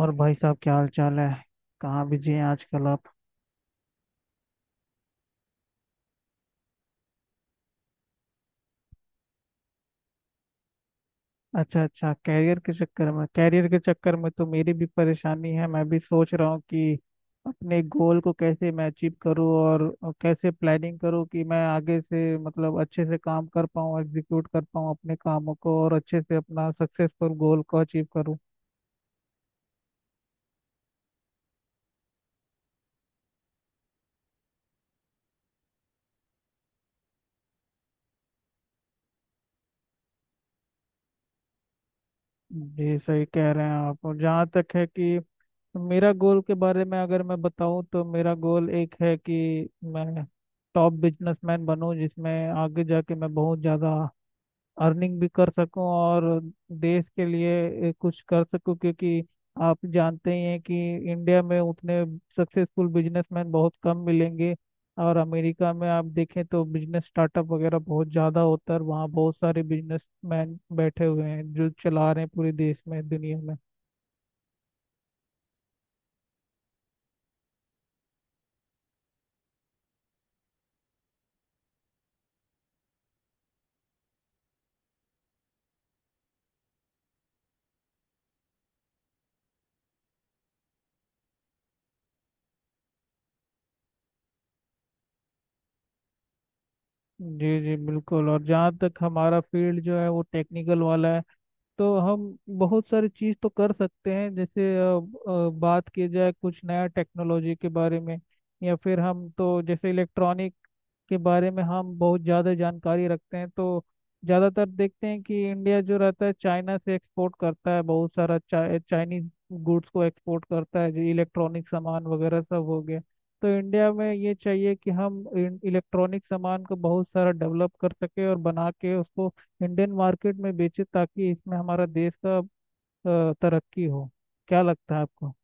और भाई साहब क्या हाल चाल है। कहाँ बिजी हैं आजकल आप। अच्छा अच्छा, कैरियर के चक्कर में तो मेरी भी परेशानी है। मैं भी सोच रहा हूँ कि अपने गोल को कैसे मैं अचीव करूँ और कैसे प्लानिंग करूँ कि मैं आगे से मतलब अच्छे से काम कर पाऊँ, एग्जीक्यूट कर पाऊँ अपने कामों को और अच्छे से अपना सक्सेसफुल गोल को अचीव करूँ। जी सही कह रहे हैं आप। और जहाँ तक है कि मेरा गोल के बारे में अगर मैं बताऊं, तो मेरा गोल एक है कि मैं टॉप बिजनेसमैन बनूं, जिसमें आगे जाके मैं बहुत ज़्यादा अर्निंग भी कर सकूं और देश के लिए कुछ कर सकूं। क्योंकि आप जानते ही हैं कि इंडिया में उतने सक्सेसफुल बिजनेसमैन बहुत कम मिलेंगे, और अमेरिका में आप देखें तो बिजनेस स्टार्टअप वगैरह बहुत ज़्यादा होता है और वहाँ बहुत सारे बिजनेसमैन बैठे हुए हैं जो चला रहे हैं पूरे देश में, दुनिया में। जी जी बिल्कुल। और जहाँ तक हमारा फील्ड जो है वो टेक्निकल वाला है, तो हम बहुत सारी चीज़ तो कर सकते हैं। जैसे बात की जाए कुछ नया टेक्नोलॉजी के बारे में, या फिर हम तो जैसे इलेक्ट्रॉनिक के बारे में हम बहुत ज़्यादा जानकारी रखते हैं। तो ज़्यादातर देखते हैं कि इंडिया जो रहता है चाइना से एक्सपोर्ट करता है, बहुत सारा चाइनीज गुड्स को एक्सपोर्ट करता है, जो इलेक्ट्रॉनिक सामान वगैरह सब हो गया। तो इंडिया में ये चाहिए कि हम इलेक्ट्रॉनिक सामान को बहुत सारा डेवलप कर सके और बना के उसको इंडियन मार्केट में बेचे, ताकि इसमें हमारा देश का तरक्की हो। क्या लगता है आपको।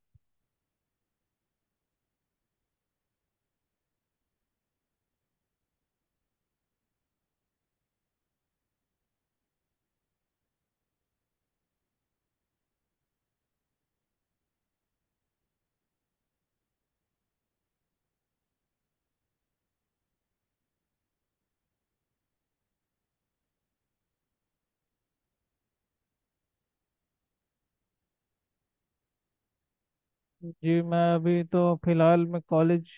जी, मैं अभी तो फिलहाल मैं कॉलेज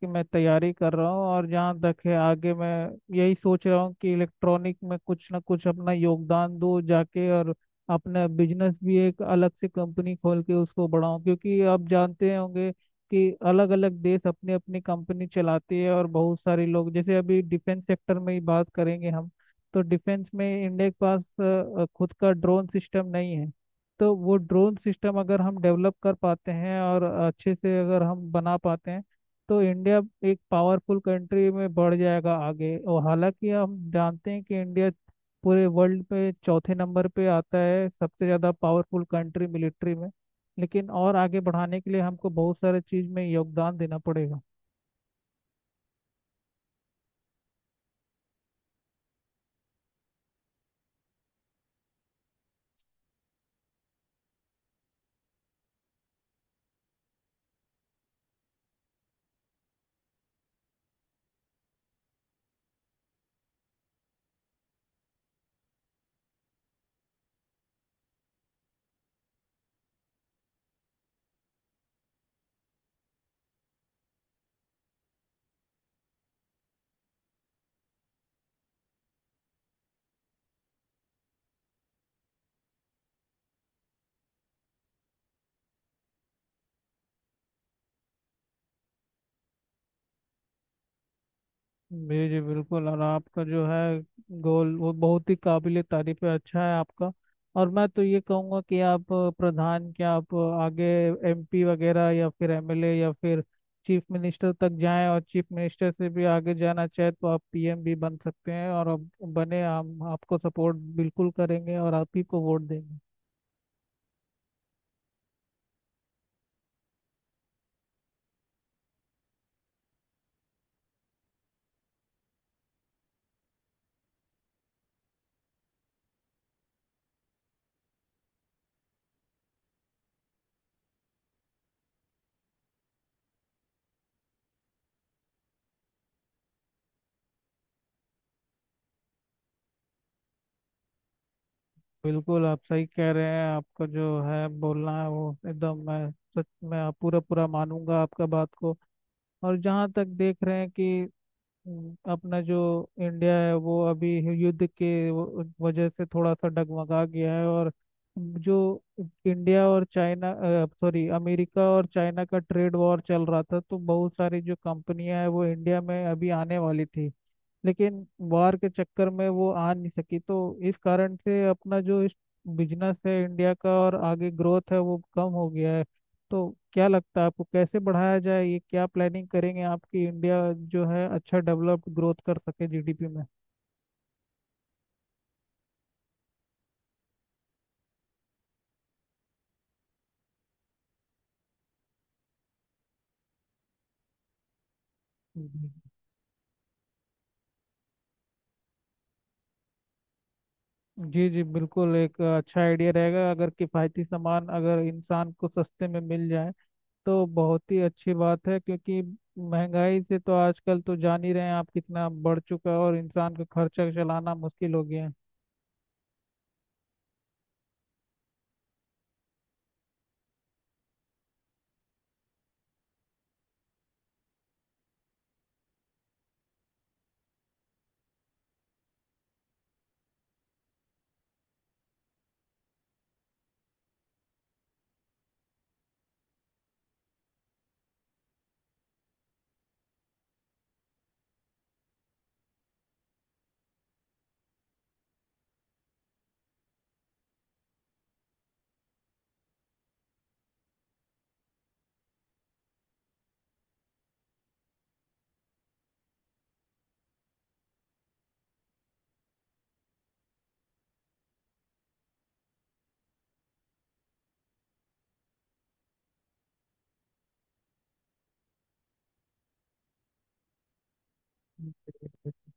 की मैं तैयारी कर रहा हूँ। और जहाँ तक है, आगे मैं यही सोच रहा हूँ कि इलेक्ट्रॉनिक में कुछ ना कुछ अपना योगदान दूँ जाके, और अपना बिजनेस भी एक अलग से कंपनी खोल के उसको बढ़ाऊँ। क्योंकि आप जानते होंगे कि अलग अलग देश अपनी अपनी कंपनी चलाती है, और बहुत सारे लोग, जैसे अभी डिफेंस सेक्टर में ही बात करेंगे हम, तो डिफेंस में इंडिया के पास खुद का ड्रोन सिस्टम नहीं है। तो वो ड्रोन सिस्टम अगर हम डेवलप कर पाते हैं और अच्छे से अगर हम बना पाते हैं तो इंडिया एक पावरफुल कंट्री में बढ़ जाएगा आगे। और हालांकि हम जानते हैं कि इंडिया पूरे वर्ल्ड पे चौथे नंबर पे आता है, सबसे ज़्यादा पावरफुल कंट्री मिलिट्री में, लेकिन और आगे बढ़ाने के लिए हमको बहुत सारे चीज़ में योगदान देना पड़ेगा। जी जी बिल्कुल। और आपका जो है गोल, वो बहुत ही काबिले तारीफ है, अच्छा है आपका। और मैं तो ये कहूँगा कि आप प्रधान क्या, आप आगे एमपी वगैरह, या फिर एमएलए, या फिर चीफ मिनिस्टर तक जाएं, और चीफ मिनिस्टर से भी आगे जाना चाहे तो आप पीएम भी बन सकते हैं। और अब बने, हम आपको सपोर्ट बिल्कुल करेंगे और आप ही को वोट देंगे। बिल्कुल आप सही कह रहे हैं। आपका जो है बोलना है, वो एकदम मैं सच में आप पूरा पूरा मानूंगा आपका बात को। और जहाँ तक देख रहे हैं कि अपना जो इंडिया है वो अभी युद्ध के वजह से थोड़ा सा डगमगा गया है। और जो इंडिया और चाइना, सॉरी, अमेरिका और चाइना का ट्रेड वॉर चल रहा था, तो बहुत सारी जो कंपनियां हैं वो इंडिया में अभी आने वाली थी, लेकिन वार के चक्कर में वो आ नहीं सकी। तो इस कारण से अपना जो इस बिजनेस है इंडिया का और आगे ग्रोथ है, वो कम हो गया है। तो क्या लगता है आपको, कैसे बढ़ाया जाए, ये क्या प्लानिंग करेंगे आपकी, इंडिया जो है अच्छा डेवलप्ड ग्रोथ कर सके जीडीपी में। जी। जी जी, बिल्कुल एक अच्छा आइडिया रहेगा। अगर किफ़ायती सामान अगर इंसान को सस्ते में मिल जाए तो बहुत ही अच्छी बात है। क्योंकि महंगाई से तो आजकल तो जान ही रहे हैं आप, कितना बढ़ चुका है और इंसान का खर्चा चलाना मुश्किल हो गया है। जी।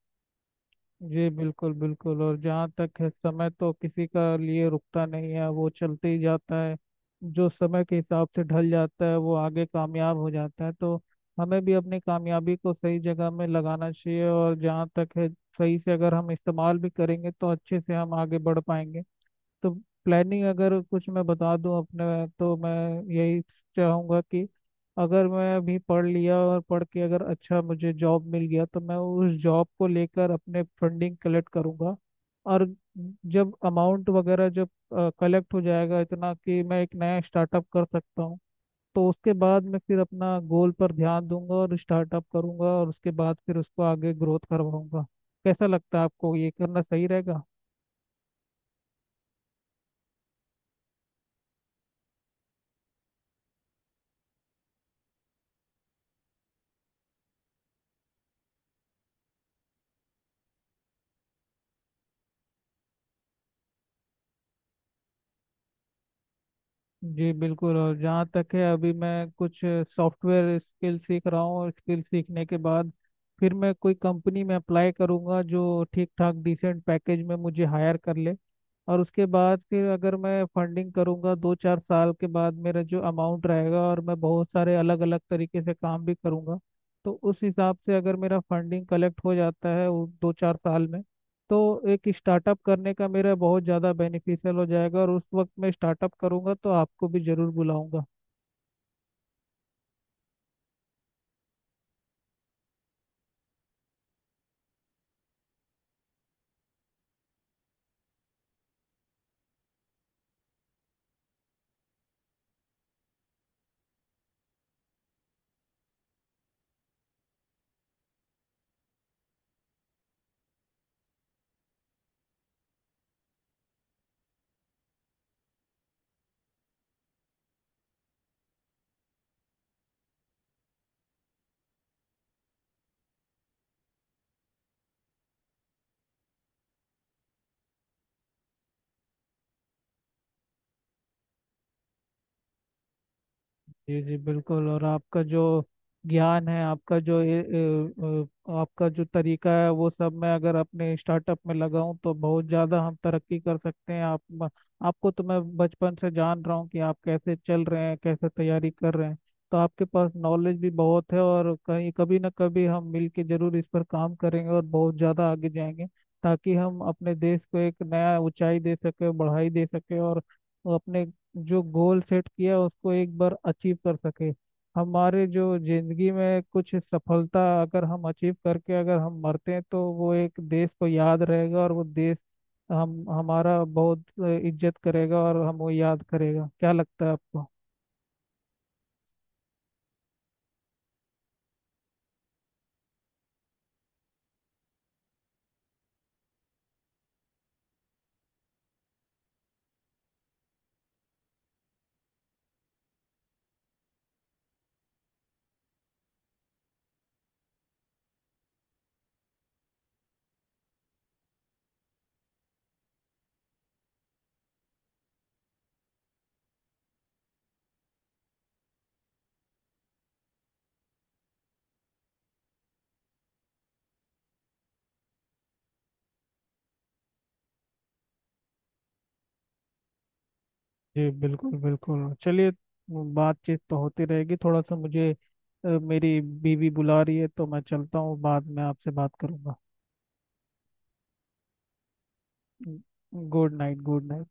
जी, बिल्कुल बिल्कुल। और जहाँ तक है, समय तो किसी का लिए रुकता नहीं है, वो चलते ही जाता है। जो समय के हिसाब से ढल जाता है वो आगे कामयाब हो जाता है। तो हमें भी अपनी कामयाबी को सही जगह में लगाना चाहिए, और जहाँ तक है सही से अगर हम इस्तेमाल भी करेंगे तो अच्छे से हम आगे बढ़ पाएंगे। तो प्लानिंग अगर कुछ मैं बता दूं अपने, तो मैं यही चाहूँगा कि अगर मैं अभी पढ़ लिया और पढ़ के अगर अच्छा मुझे जॉब मिल गया, तो मैं उस जॉब को लेकर अपने फंडिंग कलेक्ट करूँगा। और जब अमाउंट वगैरह जब कलेक्ट हो जाएगा इतना कि मैं एक नया स्टार्टअप कर सकता हूँ, तो उसके बाद मैं फिर अपना गोल पर ध्यान दूंगा और स्टार्टअप करूंगा, और उसके बाद फिर उसको आगे ग्रोथ करवाऊंगा। कैसा लगता है आपको, ये करना सही रहेगा। जी बिल्कुल। और जहाँ तक है, अभी मैं कुछ सॉफ्टवेयर स्किल सीख रहा हूँ, और स्किल सीखने के बाद फिर मैं कोई कंपनी में अप्लाई करूँगा जो ठीक ठाक डिसेंट पैकेज में मुझे हायर कर ले। और उसके बाद फिर अगर मैं फंडिंग करूँगा दो चार साल के बाद, मेरा जो अमाउंट रहेगा, और मैं बहुत सारे अलग अलग तरीके से काम भी करूँगा, तो उस हिसाब से अगर मेरा फंडिंग कलेक्ट हो जाता है वो दो चार साल में, तो एक स्टार्टअप करने का मेरा बहुत ज़्यादा बेनिफिशियल हो जाएगा। और उस वक्त मैं स्टार्टअप करूंगा तो आपको भी ज़रूर बुलाऊंगा। जी जी बिल्कुल। और आपका जो ज्ञान है, आपका जो ए, ए, अ, आपका जो तरीका है, वो सब मैं अगर अपने स्टार्टअप में लगाऊं तो बहुत ज़्यादा हम तरक्की कर सकते हैं। आपको तो मैं बचपन से जान रहा हूं कि आप कैसे चल रहे हैं, कैसे तैयारी कर रहे हैं। तो आपके पास नॉलेज भी बहुत है, और कहीं कभी ना कभी हम मिलके जरूर इस पर काम करेंगे और बहुत ज़्यादा आगे जाएंगे। ताकि हम अपने देश को एक नया ऊंचाई दे सके, बढ़ाई दे सके, और अपने जो गोल सेट किया उसको एक बार अचीव कर सके। हमारे जो जिंदगी में कुछ सफलता अगर हम अचीव करके अगर हम मरते हैं तो वो एक देश को याद रहेगा, और वो देश हम हमारा बहुत इज्जत करेगा और हम वो याद करेगा। क्या लगता है आपको। जी बिल्कुल बिल्कुल। चलिए, बातचीत तो होती रहेगी। थोड़ा सा मुझे मेरी बीवी बुला रही है तो मैं चलता हूँ, बाद में आपसे बात करूँगा। Good night, good night.